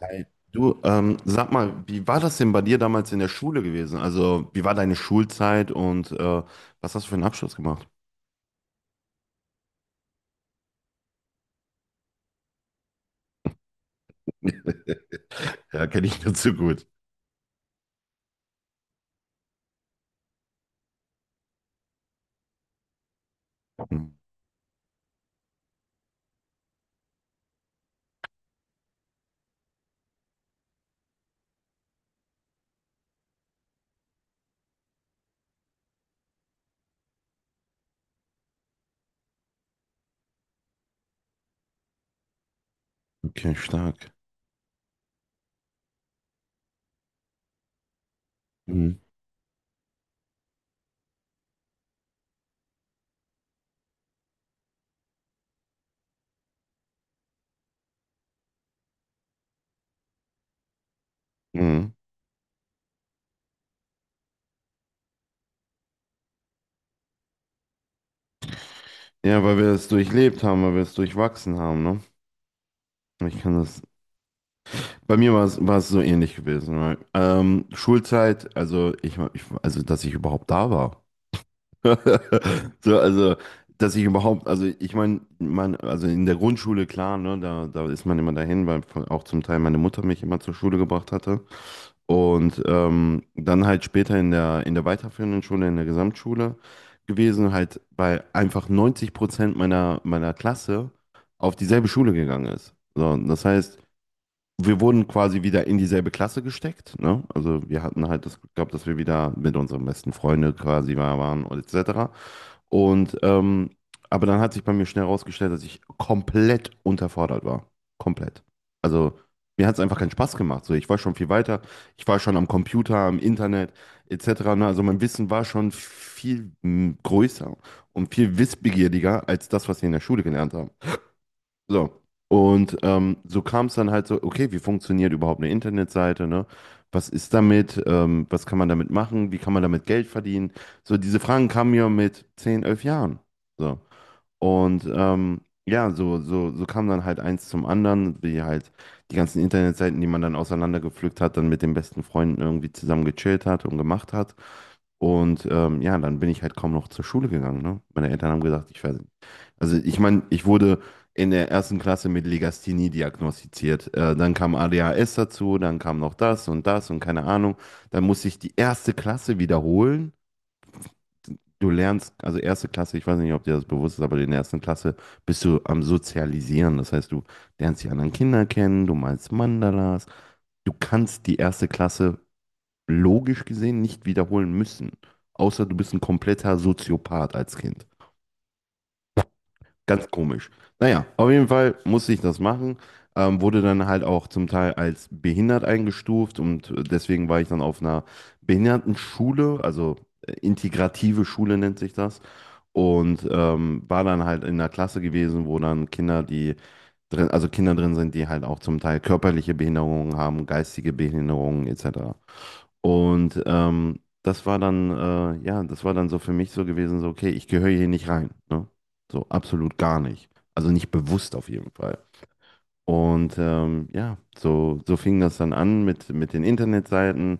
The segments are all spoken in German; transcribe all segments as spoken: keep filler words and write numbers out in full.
Hi. Du, ähm, sag mal, wie war das denn bei dir damals in der Schule gewesen? Also, wie war deine Schulzeit und äh, was hast du für einen Abschluss gemacht? Ja, kenne ich nur zu gut. Okay, stark. Mhm. Mhm. Ja, weil wir es durchlebt haben, weil wir es durchwachsen haben, ne? Ich kann das. Bei mir war es, war es so ähnlich gewesen. Weil, ähm, Schulzeit, also ich, war- ich, war- also dass ich überhaupt da war. So, also, dass ich überhaupt, also ich meine, mein, also in der Grundschule, klar, ne, da, da ist man immer dahin, weil von- auch zum Teil meine Mutter mich immer zur Schule gebracht hatte. Und ähm, dann halt später in der, in der weiterführenden Schule, in der Gesamtschule gewesen, halt bei einfach neunzig Prozent meiner, meiner Klasse auf dieselbe Schule gegangen ist. So, und das heißt, wir wurden quasi wieder in dieselbe Klasse gesteckt, ne? Also wir hatten halt das Glück gehabt, dass wir wieder mit unseren besten Freunden quasi war- waren und et cetera. Und ähm, aber dann hat sich bei mir schnell herausgestellt, dass ich komplett unterfordert war. Komplett. Also mir hat es einfach keinen Spaß gemacht. So, ich war schon viel weiter. Ich war schon am Computer, am Internet et cetera. Ne? Also mein Wissen war schon viel mm, größer und viel wissbegieriger als das, was wir in der Schule gelernt haben. So. Und ähm, so kam es dann halt so, okay, wie funktioniert überhaupt eine Internetseite, ne? Was ist damit? Ähm, was kann man damit machen? Wie kann man damit Geld verdienen? So, diese Fragen kamen mir mit zehn elf Jahren. So. Und ähm, ja, so, so, so kam dann halt eins zum anderen, wie halt die ganzen Internetseiten, die man dann auseinandergepflückt hat, dann mit den besten Freunden irgendwie zusammen gechillt hat und gemacht hat. Und ähm, ja, dann bin ich halt kaum noch zur Schule gegangen, ne? Meine Eltern haben gesagt, ich, ver- also ich meine, ich wurde in der ersten Klasse mit Legasthenie diagnostiziert. Äh, dann kam A D H S dazu, dann kam noch das und das und keine Ahnung. Dann musste ich die erste Klasse wiederholen. Du lernst, also erste Klasse, ich weiß nicht, ob dir das bewusst ist, aber in der ersten Klasse bist du am Sozialisieren. Das heißt, du lernst die anderen Kinder kennen, du malst Mandalas. Du kannst die erste Klasse logisch gesehen nicht wiederholen müssen, außer du bist ein kompletter Soziopath als Kind. Ganz komisch. Naja, auf jeden Fall musste ich das machen. Ähm, wurde dann halt auch zum Teil als behindert eingestuft und äh, deswegen war ich dann auf einer Behindertenschule, also äh, integrative Schule nennt sich das. Und ähm, war dann halt in einer Klasse gewesen, wo dann Kinder, die drin, also Kinder drin sind, die halt auch zum Teil körperliche Behinderungen haben, geistige Behinderungen et cetera. Und ähm, das war dann, äh, ja, das war dann so für mich so gewesen, so, okay, ich gehöre hier nicht rein, ne? So absolut gar nicht. Also nicht bewusst auf jeden Fall. Und ähm, ja, so, so fing das dann an mit, mit den Internetseiten.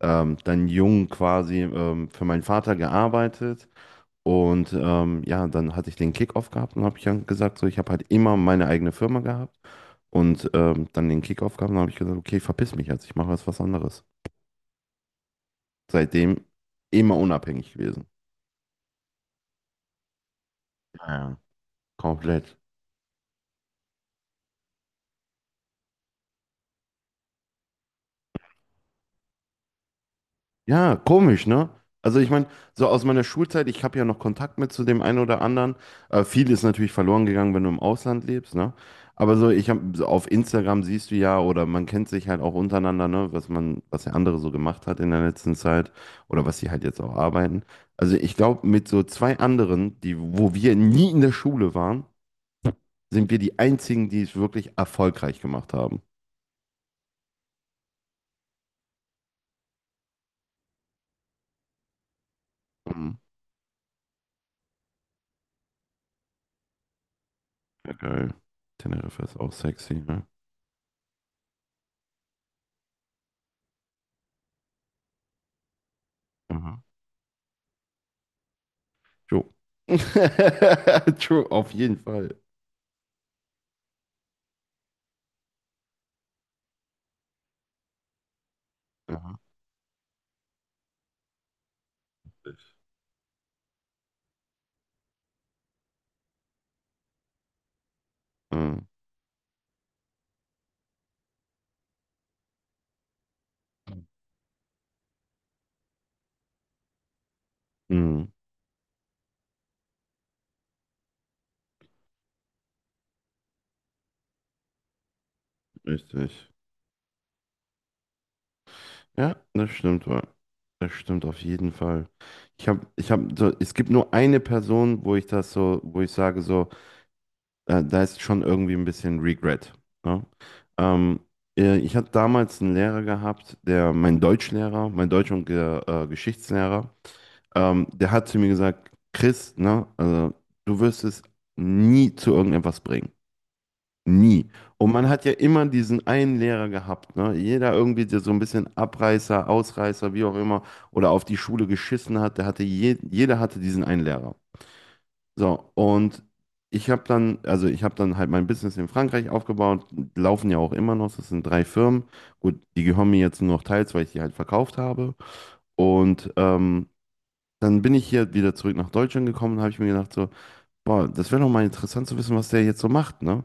Ähm, dann jung quasi ähm, für meinen Vater gearbeitet. Und ähm, ja, dann hatte ich den Kickoff gehabt und habe ich dann gesagt, so, ich habe halt immer meine eigene Firma gehabt. Und ähm, dann den Kickoff gehabt und habe ich gesagt, okay, verpiss mich jetzt, ich mache jetzt was anderes seitdem immer unabhängig gewesen. Ja, komplett. Ja, komisch, ne? Also ich meine, so aus meiner Schulzeit, ich habe ja noch Kontakt mit zu dem einen oder anderen. Äh, viel ist natürlich verloren gegangen, wenn du im Ausland lebst, ne? Aber so, ich habe so auf Instagram siehst du ja, oder man kennt sich halt auch untereinander, ne, was man, was der andere so gemacht hat in der letzten Zeit oder was sie halt jetzt auch arbeiten. Also ich glaube, mit so zwei anderen, die, wo wir nie in der Schule waren, sind wir die einzigen, die es wirklich erfolgreich gemacht haben. Geil. Teneriffa ist auch sexy, ne? Aha. True. True, auf jeden Fall. Aha. Ah. Mhm. Richtig. Ja, das stimmt wohl. Das stimmt auf jeden Fall. Ich habe, ich habe so, es gibt nur eine Person, wo ich das so, wo ich sage so, äh, da ist schon irgendwie ein bisschen Regret. Ne? Ähm, äh, ich hatte damals einen Lehrer gehabt, der, mein Deutschlehrer, mein Deutsch- und Ge äh, Geschichtslehrer. Ähm, der hat zu mir gesagt, Chris, ne, also, du wirst es nie zu irgendetwas bringen. Nie. Und man hat ja immer diesen einen Lehrer gehabt, ne? Jeder irgendwie, der so ein bisschen Abreißer, Ausreißer, wie auch immer, oder auf die Schule geschissen hat, der hatte je, jeder hatte diesen einen Lehrer. So, und ich habe dann, also ich habe dann halt mein Business in Frankreich aufgebaut, laufen ja auch immer noch, das sind drei Firmen. Gut, die gehören mir jetzt nur noch teils, weil ich die halt verkauft habe. Und ähm, dann bin ich hier wieder zurück nach Deutschland gekommen, habe ich mir gedacht, so, boah, das wäre doch mal interessant zu wissen, was der jetzt so macht, ne?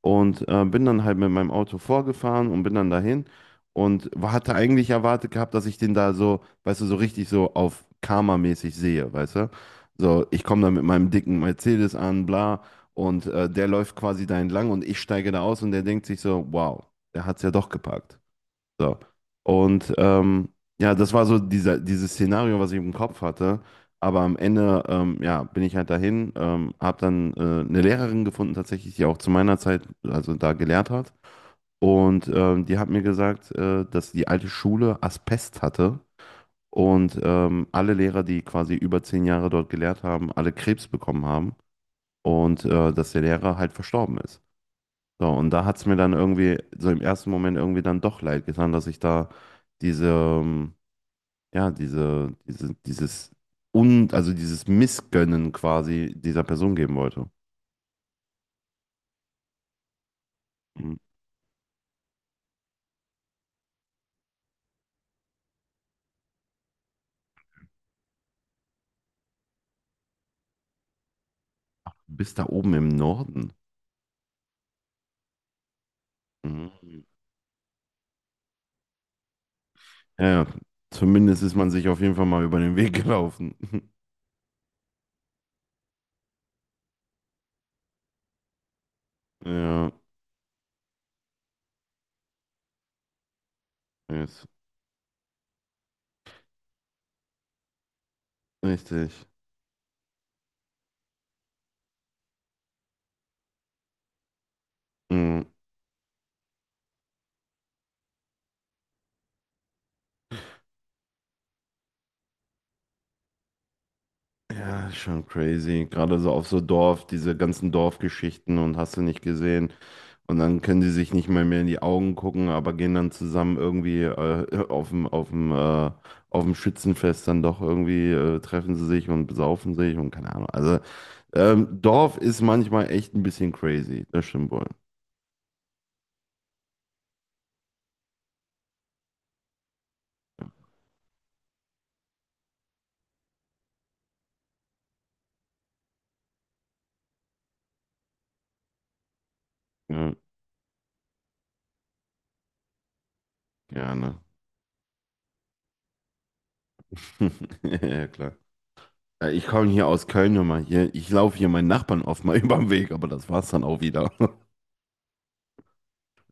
Und äh, bin dann halt mit meinem Auto vorgefahren und bin dann dahin und wa- hatte eigentlich erwartet gehabt, dass ich den da so, weißt du, so richtig so auf Karma-mäßig sehe, weißt du? So, ich komme da mit meinem dicken Mercedes an, bla, und äh, der läuft quasi da entlang und ich steige da aus und der denkt sich so, wow, der hat's ja doch gepackt. So. Und ähm, ja, das war so dieser, dieses Szenario, was ich im Kopf hatte. Aber am Ende, ähm, ja, bin ich halt dahin, ähm, habe dann äh, eine Lehrerin gefunden, tatsächlich, die auch zu meiner Zeit, also da gelehrt hat. Und ähm, die hat mir gesagt, äh, dass die alte Schule Asbest hatte und ähm, alle Lehrer, die quasi über zehn Jahre dort gelehrt haben, alle Krebs bekommen haben und äh, dass der Lehrer halt verstorben ist. So, und da hat es mir dann irgendwie, so im ersten Moment irgendwie dann doch leid getan, dass ich da diese, ähm, ja, diese, diese, dieses und also dieses Missgönnen quasi dieser Person geben wollte. Mhm. Bis da oben im Norden. Mhm. Ja, ja. Zumindest ist man sich auf jeden Fall mal über den Weg gelaufen. Ja, ist richtig. Mhm. Ja, ist schon crazy. Gerade so auf so Dorf, diese ganzen Dorfgeschichten und hast du nicht gesehen. Und dann können die sich nicht mal mehr in die Augen gucken, aber gehen dann zusammen irgendwie äh, auf dem, auf dem, äh, auf dem Schützenfest dann doch irgendwie, äh, treffen sie sich und besaufen sich und keine Ahnung. Also ähm, Dorf ist manchmal echt ein bisschen crazy, das stimmt wohl. Ja, gerne. Ja, klar. Ja, ich komme hier aus Köln immer hier. Ich laufe hier meinen Nachbarn oft mal über den Weg, aber das war's dann auch wieder.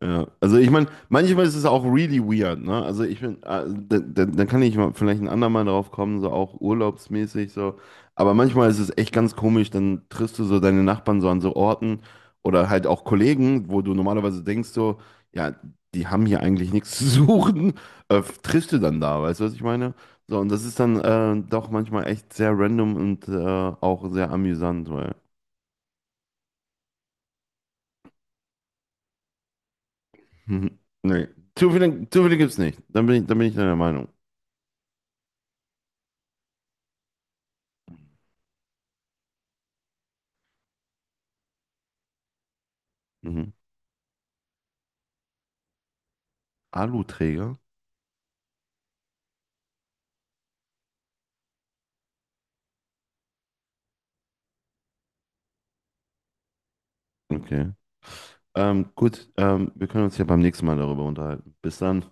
Ja, also ich meine, manchmal ist es auch really weird, ne? Also ich bin, äh, dann da, da da kann ich mal vielleicht ein andermal drauf kommen, so auch urlaubsmäßig so. Aber manchmal ist es echt ganz komisch, dann triffst du so deine Nachbarn so an so Orten oder halt auch Kollegen, wo du normalerweise denkst so, ja, die haben hier eigentlich nichts zu suchen, äh, triffst du dann da, weißt du, was ich meine? So, und das ist dann äh, doch manchmal echt sehr random und äh, auch sehr amüsant, weil, nee, Zufälle, Zufälle gibt's nicht. Dann bin ich, dann bin ich deiner Meinung. Mhm. Aluträger? Okay. Ähm, gut, ähm, wir können uns ja beim nächsten Mal darüber unterhalten. Bis dann.